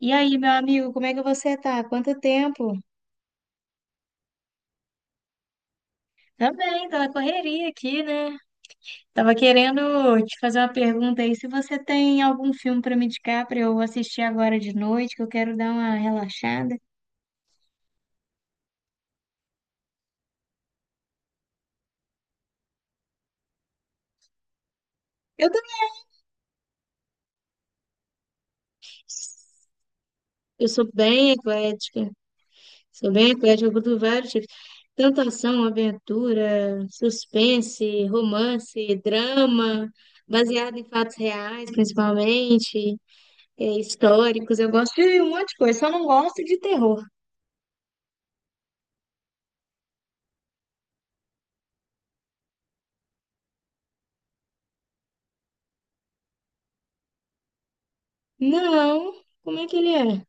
E aí, meu amigo, como é que você tá? Quanto tempo? Também, tô na correria aqui, né? Tava querendo te fazer uma pergunta aí, se você tem algum filme pra me indicar pra eu assistir agora de noite, que eu quero dar uma relaxada. Eu também, eu sou bem eclética, eu curto vários tipos. Tanto ação, aventura, suspense, romance, drama, baseado em fatos reais, principalmente, históricos. Eu gosto de um monte de coisa, só não gosto de terror. Não, como é que ele é?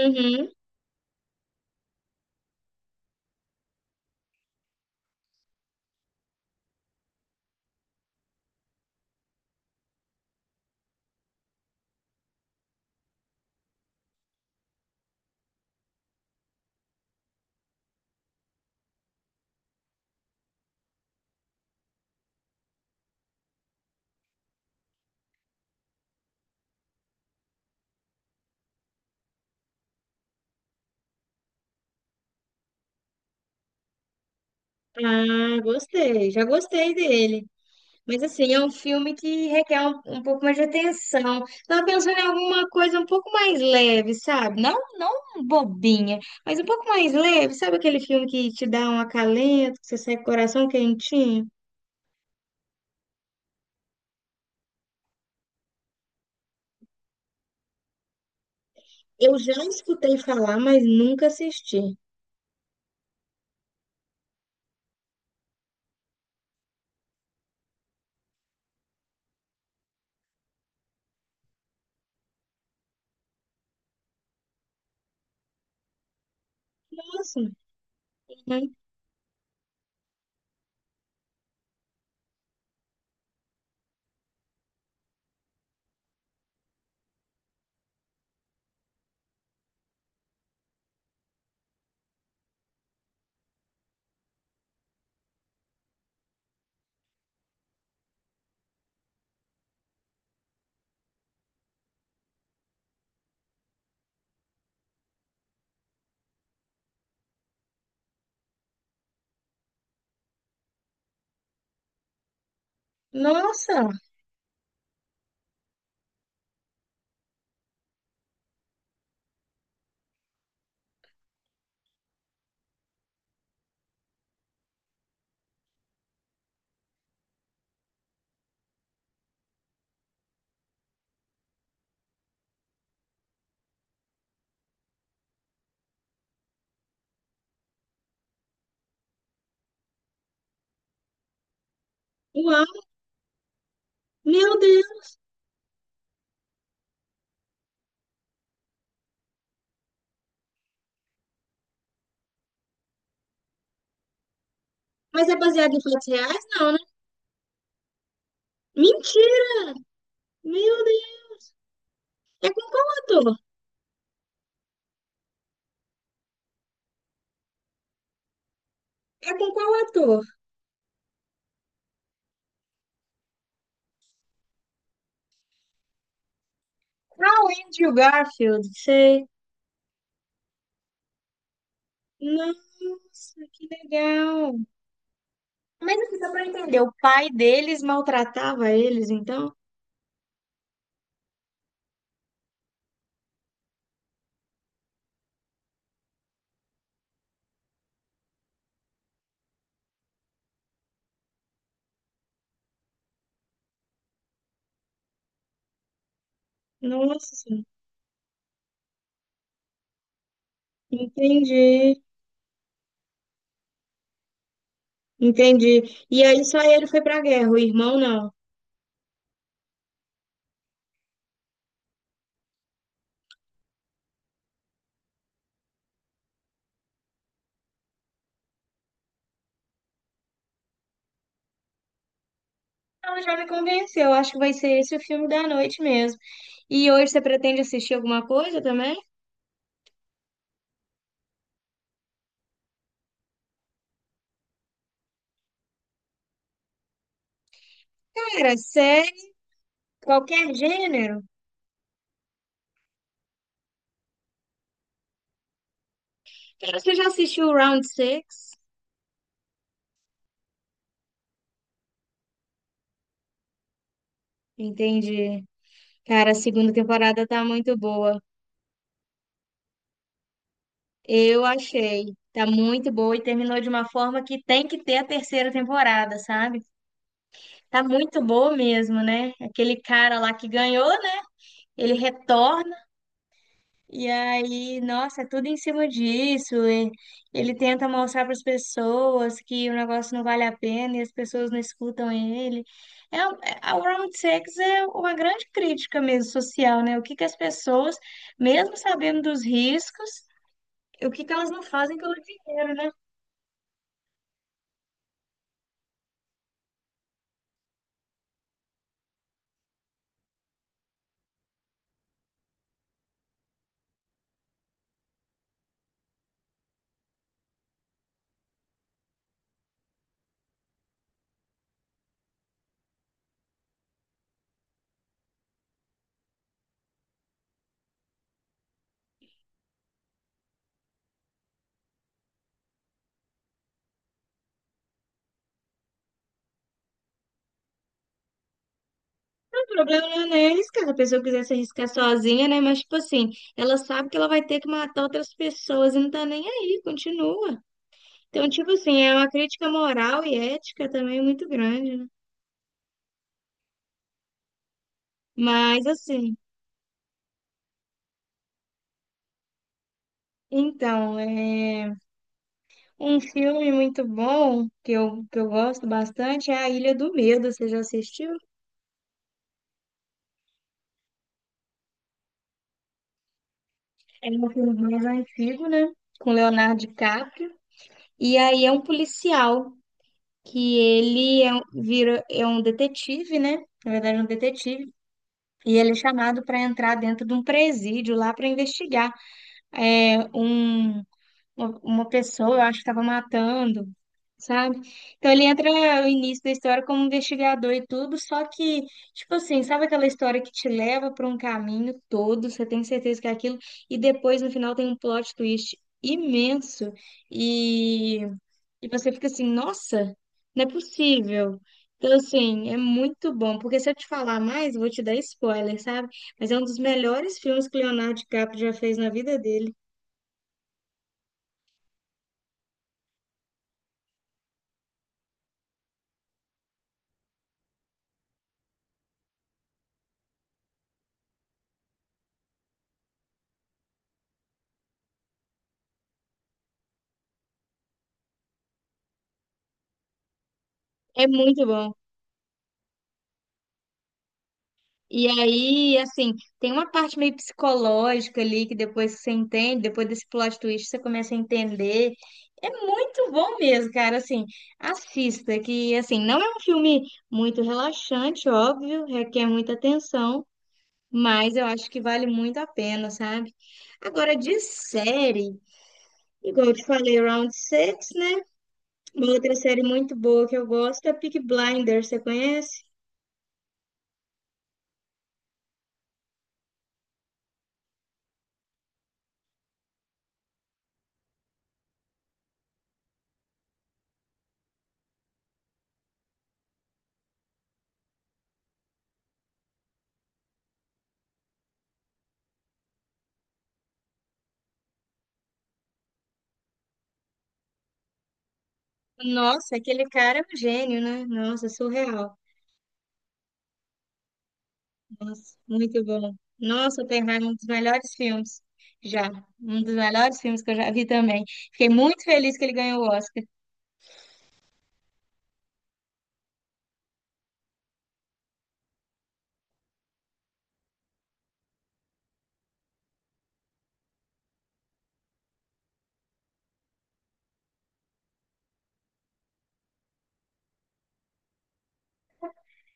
Uhum. Ah, gostei. Já gostei dele. Mas assim, é um filme que requer um pouco mais de atenção. Tava pensando em alguma coisa um pouco mais leve, sabe? Não, não bobinha, mas um pouco mais leve. Sabe aquele filme que te dá um acalento, que você sai com o coração quentinho? Eu já escutei falar, mas nunca assisti. Nossa. Uhum. Nossa. Uau. Meu Deus. Mas é baseado em fatos reais? Não, né? Mentira. Meu Deus. É com qual ator? É com qual ator? Ah, o Andrew Garfield, sei. Nossa, que legal. Mas assim, só pra entender, o pai deles maltratava eles, então? Nossa, senhora. Entendi, entendi. E aí só ele foi pra guerra, o irmão não. Então já me convenceu, acho que vai ser esse o filme da noite mesmo. E hoje você pretende assistir alguma coisa também? Cara, série, qualquer gênero. Cara, você já assistiu o Round Six? Entendi. Cara, a segunda temporada tá muito boa. Eu achei. Tá muito boa e terminou de uma forma que tem que ter a terceira temporada, sabe? Tá muito boa mesmo, né? Aquele cara lá que ganhou, né? Ele retorna e aí, nossa, é tudo em cima disso. E ele tenta mostrar para as pessoas que o negócio não vale a pena e as pessoas não escutam ele. É, a Round Six é uma grande crítica mesmo social, né? O que que as pessoas, mesmo sabendo dos riscos, o que que elas não fazem pelo dinheiro, né? O problema não é neles, cara. Se a pessoa quiser se arriscar sozinha, né? Mas, tipo assim, ela sabe que ela vai ter que matar outras pessoas e não tá nem aí, continua. Então, tipo assim, é uma crítica moral e ética também muito grande, né? Mas, assim, então, é... um filme muito bom que eu gosto bastante é A Ilha do Medo. Você já assistiu? É um filme mais antigo, né? Com Leonardo DiCaprio. E aí é um policial. Que ele é, é um detetive, né? Na verdade, é um detetive. E ele é chamado para entrar dentro de um presídio lá para investigar é, um uma pessoa, eu acho que estava matando, sabe? Então ele entra no início da história como um investigador e tudo, só que, tipo assim, sabe aquela história que te leva para um caminho todo, você tem certeza que é aquilo, e depois no final tem um plot twist imenso e, e você fica assim, nossa, não é possível. Então, assim, é muito bom, porque se eu te falar mais, eu vou te dar spoiler, sabe? Mas é um dos melhores filmes que Leonardo DiCaprio já fez na vida dele. É muito bom. E aí, assim, tem uma parte meio psicológica ali que depois que você entende, depois desse plot twist você começa a entender. É muito bom mesmo, cara. Assim, assista, que assim, não é um filme muito relaxante, óbvio, requer muita atenção, mas eu acho que vale muito a pena, sabe? Agora, de série, igual eu te falei, Round Six, né? Uma outra série muito boa que eu gosto é Peaky Blinders, você conhece? Nossa, aquele cara é um gênio, né? Nossa, surreal. Nossa, muito bom. Nossa, Oppenheimer é um dos melhores filmes já. Um dos melhores filmes que eu já vi também. Fiquei muito feliz que ele ganhou o Oscar.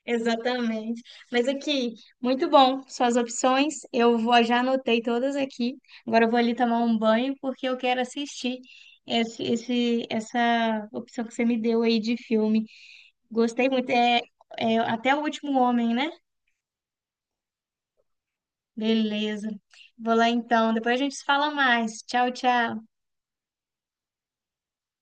Exatamente. Mas aqui, muito bom. Suas opções, eu vou, já anotei todas aqui. Agora eu vou ali tomar um banho porque eu quero assistir essa opção que você me deu aí de filme. Gostei muito. É, é até o último homem, né? Beleza. Vou lá então. Depois a gente se fala mais. Tchau, tchau.